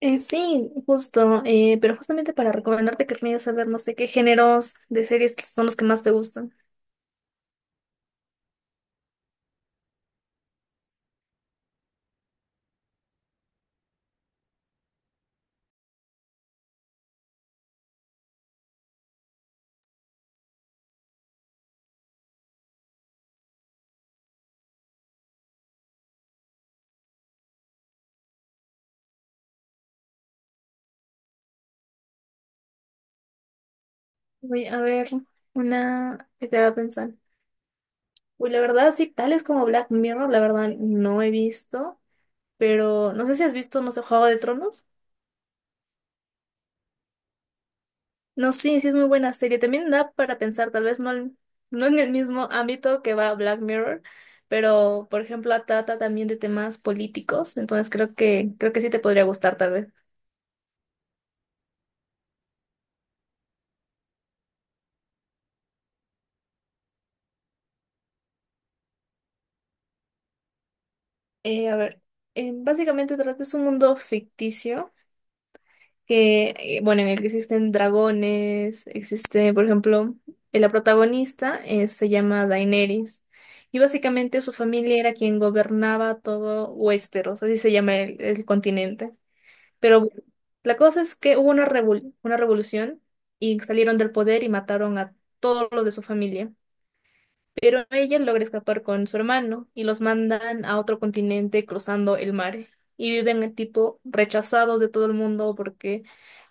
Sí, justo, pero justamente para recomendarte que me a ver, no sé qué géneros de series son los que más te gustan. Voy a ver una que te a pensar. Uy, la verdad, sí, tales como Black Mirror, la verdad no he visto, pero no sé si has visto, no sé, Juego de Tronos. No, sí, sí es muy buena serie. También da para pensar, tal vez no, no en el mismo ámbito que va Black Mirror, pero por ejemplo trata también de temas políticos, entonces creo que sí te podría gustar tal vez. A ver, básicamente trata es un mundo ficticio que, bueno, en el que existen dragones, existe, por ejemplo, la protagonista se llama Daenerys y básicamente su familia era quien gobernaba todo Westeros, así se llama el continente. Pero bueno, la cosa es que hubo una una revolución y salieron del poder y mataron a todos los de su familia, pero ella logra escapar con su hermano y los mandan a otro continente cruzando el mar. Y viven tipo rechazados de todo el mundo porque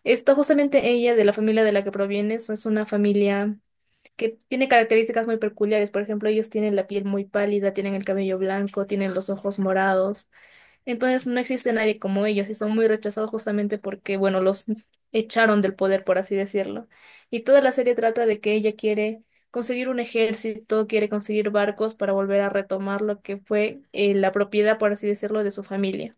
está justamente ella de la familia de la que proviene, es una familia que tiene características muy peculiares. Por ejemplo, ellos tienen la piel muy pálida, tienen el cabello blanco, tienen los ojos morados. Entonces no existe nadie como ellos y son muy rechazados justamente porque, bueno, los echaron del poder, por así decirlo. Y toda la serie trata de que ella quiere conseguir un ejército, quiere conseguir barcos para volver a retomar lo que fue la propiedad, por así decirlo, de su familia.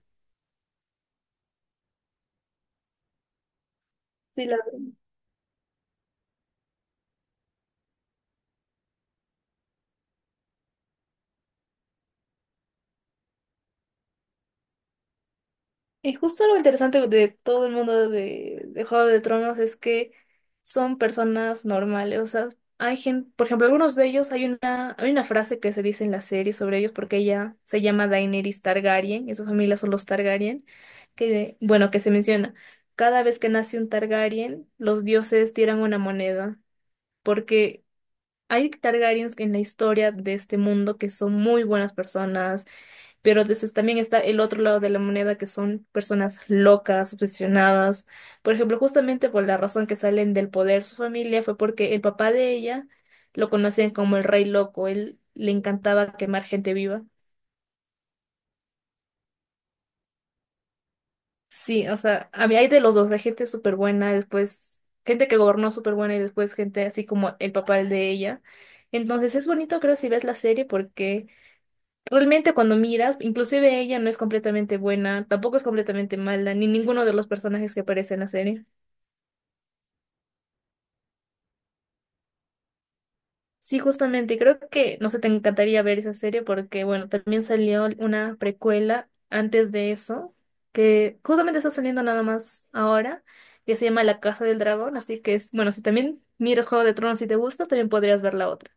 Y justo lo interesante de todo el mundo de Juego de Tronos es que son personas normales. O sea, hay gente, por ejemplo, algunos de ellos, hay una frase que se dice en la serie sobre ellos, porque ella se llama Daenerys Targaryen, y su familia son los Targaryen, que se menciona. Cada vez que nace un Targaryen, los dioses tiran una moneda, porque hay Targaryens en la historia de este mundo que son muy buenas personas, pero entonces también está el otro lado de la moneda, que son personas locas, obsesionadas. Por ejemplo, justamente por la razón que salen del poder su familia fue porque el papá de ella lo conocían como el rey loco. Él le encantaba quemar gente viva. Sí, o sea, a mí hay de los dos, de gente súper buena, después gente que gobernó súper buena y después gente así como el papá de ella. Entonces es bonito, creo, si ves la serie porque realmente cuando miras, inclusive ella no es completamente buena, tampoco es completamente mala, ni ninguno de los personajes que aparece en la serie. Sí, justamente, y creo que, no sé, te encantaría ver esa serie porque, bueno, también salió una precuela antes de eso, que justamente está saliendo nada más ahora, que se llama La Casa del Dragón, así que es, bueno, si también miras Juego de Tronos y te gusta, también podrías ver la otra.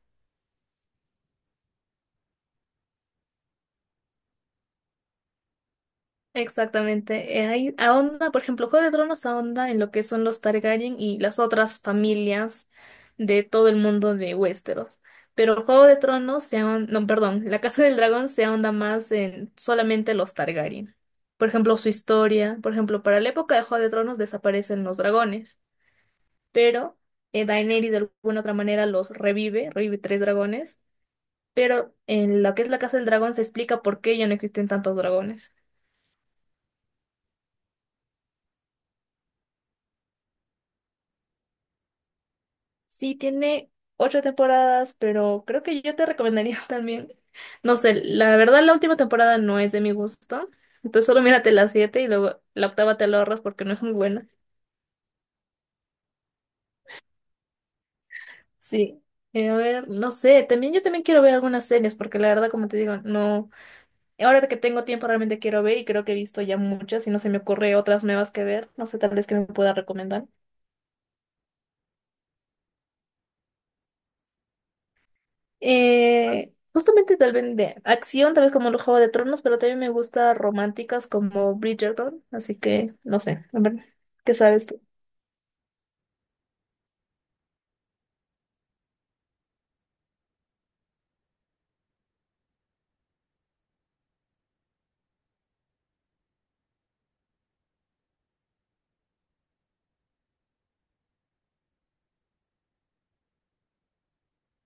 Exactamente. Ahí ahonda, por ejemplo, Juego de Tronos ahonda en lo que son los Targaryen y las otras familias de todo el mundo de Westeros. Pero Juego de Tronos se ahonda, no, perdón, La Casa del Dragón se ahonda más en solamente los Targaryen. Por ejemplo, su historia, por ejemplo, para la época de Juego de Tronos desaparecen los dragones, pero Daenerys de alguna otra manera los revive, revive tres dragones, pero en lo que es la Casa del Dragón se explica por qué ya no existen tantos dragones. Sí, tiene ocho temporadas, pero creo que yo te recomendaría también. No sé, la verdad la última temporada no es de mi gusto. Entonces solo mírate las siete y luego la octava te la ahorras porque no es muy buena. Sí. A ver, no sé, también yo también quiero ver algunas series porque la verdad, como te digo, no. Ahora que tengo tiempo realmente quiero ver y creo que he visto ya muchas y no se me ocurre otras nuevas que ver. No sé, tal vez que me pueda recomendar. Justamente tal vez de acción, tal vez como el Juego de Tronos, pero también me gusta románticas como Bridgerton, así que no sé, a ver, ¿qué sabes tú?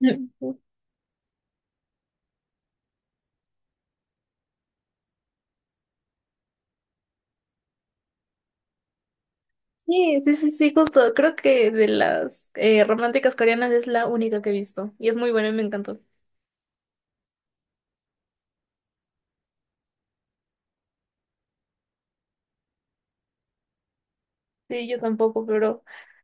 Mm. Sí, sí, sí, sí, justo, creo que de las románticas coreanas es la única que he visto y es muy buena y me encantó. Sí, yo tampoco, pero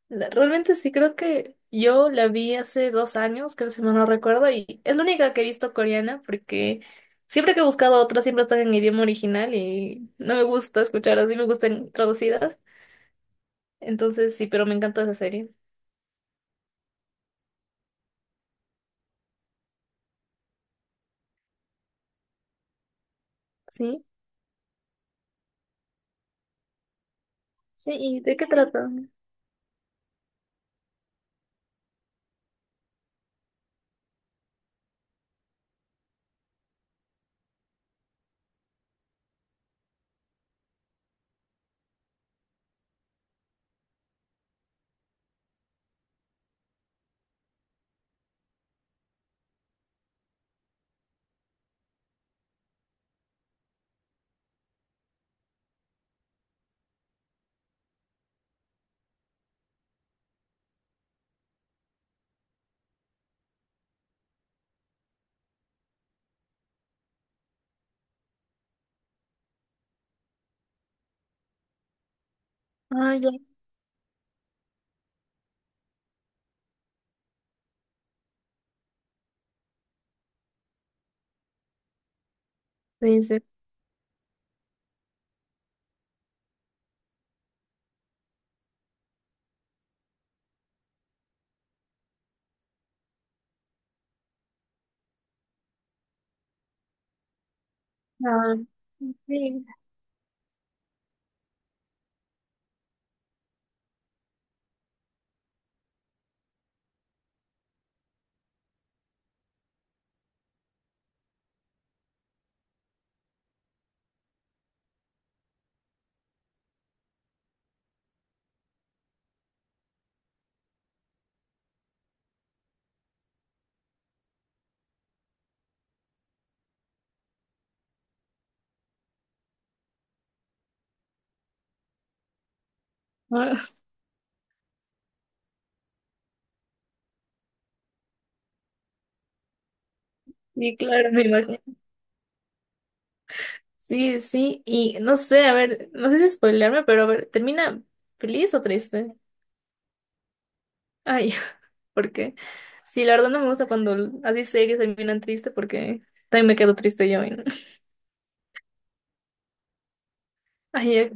realmente sí creo que yo la vi hace dos años, creo si mal no recuerdo, y es la única que he visto coreana porque siempre que he buscado otras siempre están en idioma original y no me gusta escuchar así, me gustan traducidas. Entonces sí, pero me encanta esa serie. Sí, sí, ¿y de qué trata? Ah, ya. Sí, sí. Ah, sí. Ah, sí, claro, me imagino. Sí, sí, y no sé, a ver, no sé si spoilearme, pero a ver, ¿termina feliz o triste? Ay. Porque sí, la verdad no me gusta cuando así series terminan triste porque también me quedo triste yo. Y no. Ay,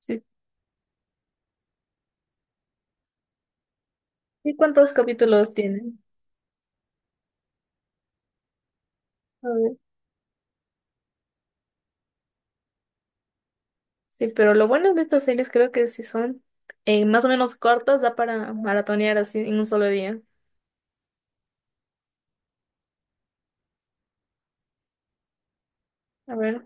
sí. ¿Y cuántos capítulos tienen? A ver. Sí, pero lo bueno de estas series creo que si son más o menos cortas, da para maratonear así en un solo día. A ver,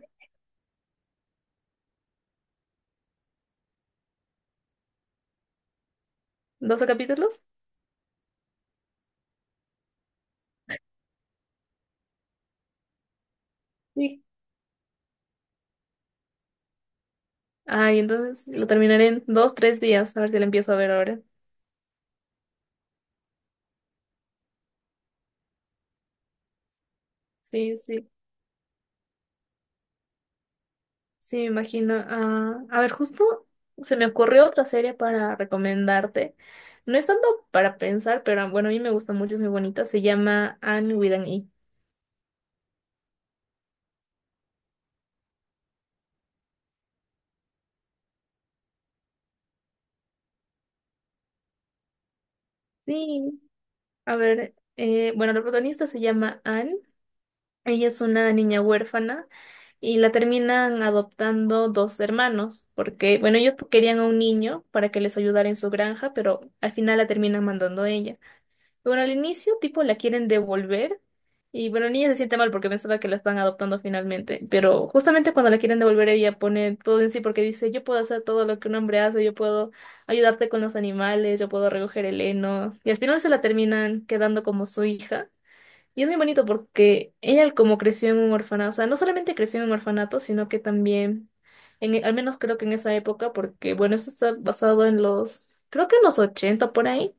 ¿12 capítulos? Sí. Ay, entonces lo terminaré en dos, tres días. A ver si lo empiezo a ver ahora. Sí, sí. Sí, me imagino. Ah, a ver, justo se me ocurrió otra serie para recomendarte. No es tanto para pensar, pero ah, bueno, a mí me gusta mucho, es muy bonita. Se llama Anne with an E. Sí, a ver, bueno, la protagonista se llama Anne. Ella es una niña huérfana y la terminan adoptando dos hermanos, porque, bueno, ellos querían a un niño para que les ayudara en su granja, pero al final la terminan mandando ella. Bueno, al inicio, tipo, la quieren devolver. Y bueno, la niña se siente mal porque pensaba que la están adoptando finalmente. Pero justamente cuando la quieren devolver, ella pone todo en sí porque dice, yo puedo hacer todo lo que un hombre hace, yo puedo ayudarte con los animales, yo puedo recoger el heno. Y al final se la terminan quedando como su hija. Y es muy bonito porque ella como creció en un orfanato, o sea, no solamente creció en un orfanato, sino que también, en, al menos creo que en esa época, porque bueno, esto está basado en los, creo que en los 80 por ahí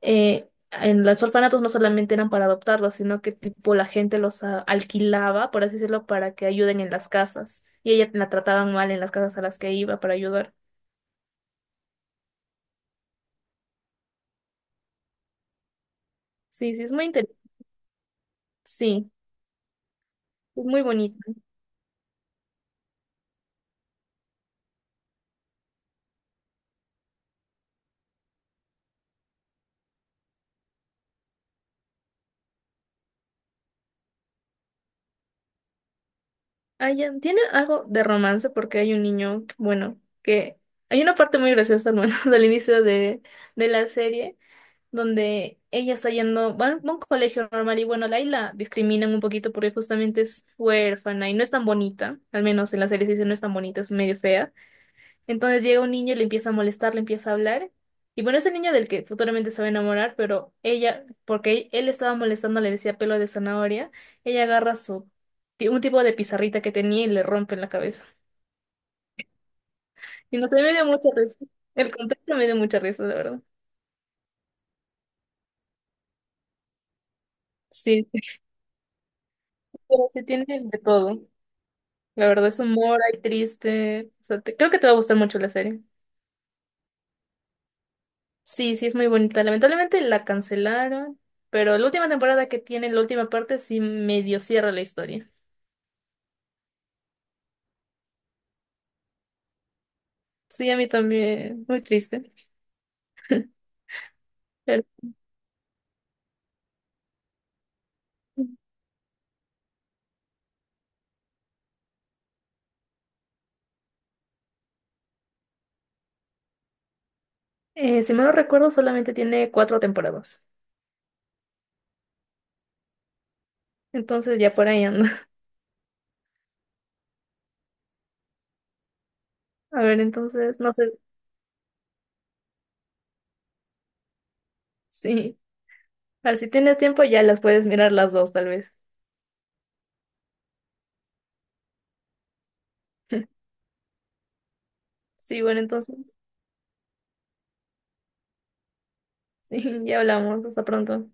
en los orfanatos no solamente eran para adoptarlos, sino que tipo la gente los alquilaba, por así decirlo, para que ayuden en las casas. Y ella la trataban mal en las casas a las que iba para ayudar. Sí, sí, es muy interesante. Sí, es muy bonito. Ah, ya, tiene algo de romance porque hay un niño, bueno, que hay una parte muy graciosa, bueno, del inicio de la serie donde ella está yendo, bueno, a un colegio normal y bueno, la discriminan un poquito porque justamente es huérfana y no es tan bonita, al menos en la serie se dice no es tan bonita, es medio fea. Entonces llega un niño y le empieza a molestar, le empieza a hablar. Y bueno, es el niño del que futuramente se va a enamorar, pero ella, porque él estaba molestando, le decía pelo de zanahoria, ella agarra su, un tipo de pizarrita que tenía y le rompe en la cabeza. Y no se me dio mucha risa. El contexto me dio mucha risa, la verdad. Sí, sí, pero se tiene de todo. La verdad es humor, hay triste. O sea, creo que te va a gustar mucho la serie. Sí, sí, es muy bonita. Lamentablemente la cancelaron, pero la última temporada que tiene, la última parte, sí medio cierra la historia. Sí, a mí también, muy triste. Pero, si me lo recuerdo, solamente tiene cuatro temporadas. Entonces ya por ahí anda. A ver, entonces, no sé, sí. A ver, si tienes tiempo ya las puedes mirar las dos, tal vez. Sí, bueno, entonces, sí, ya hablamos. Hasta pronto.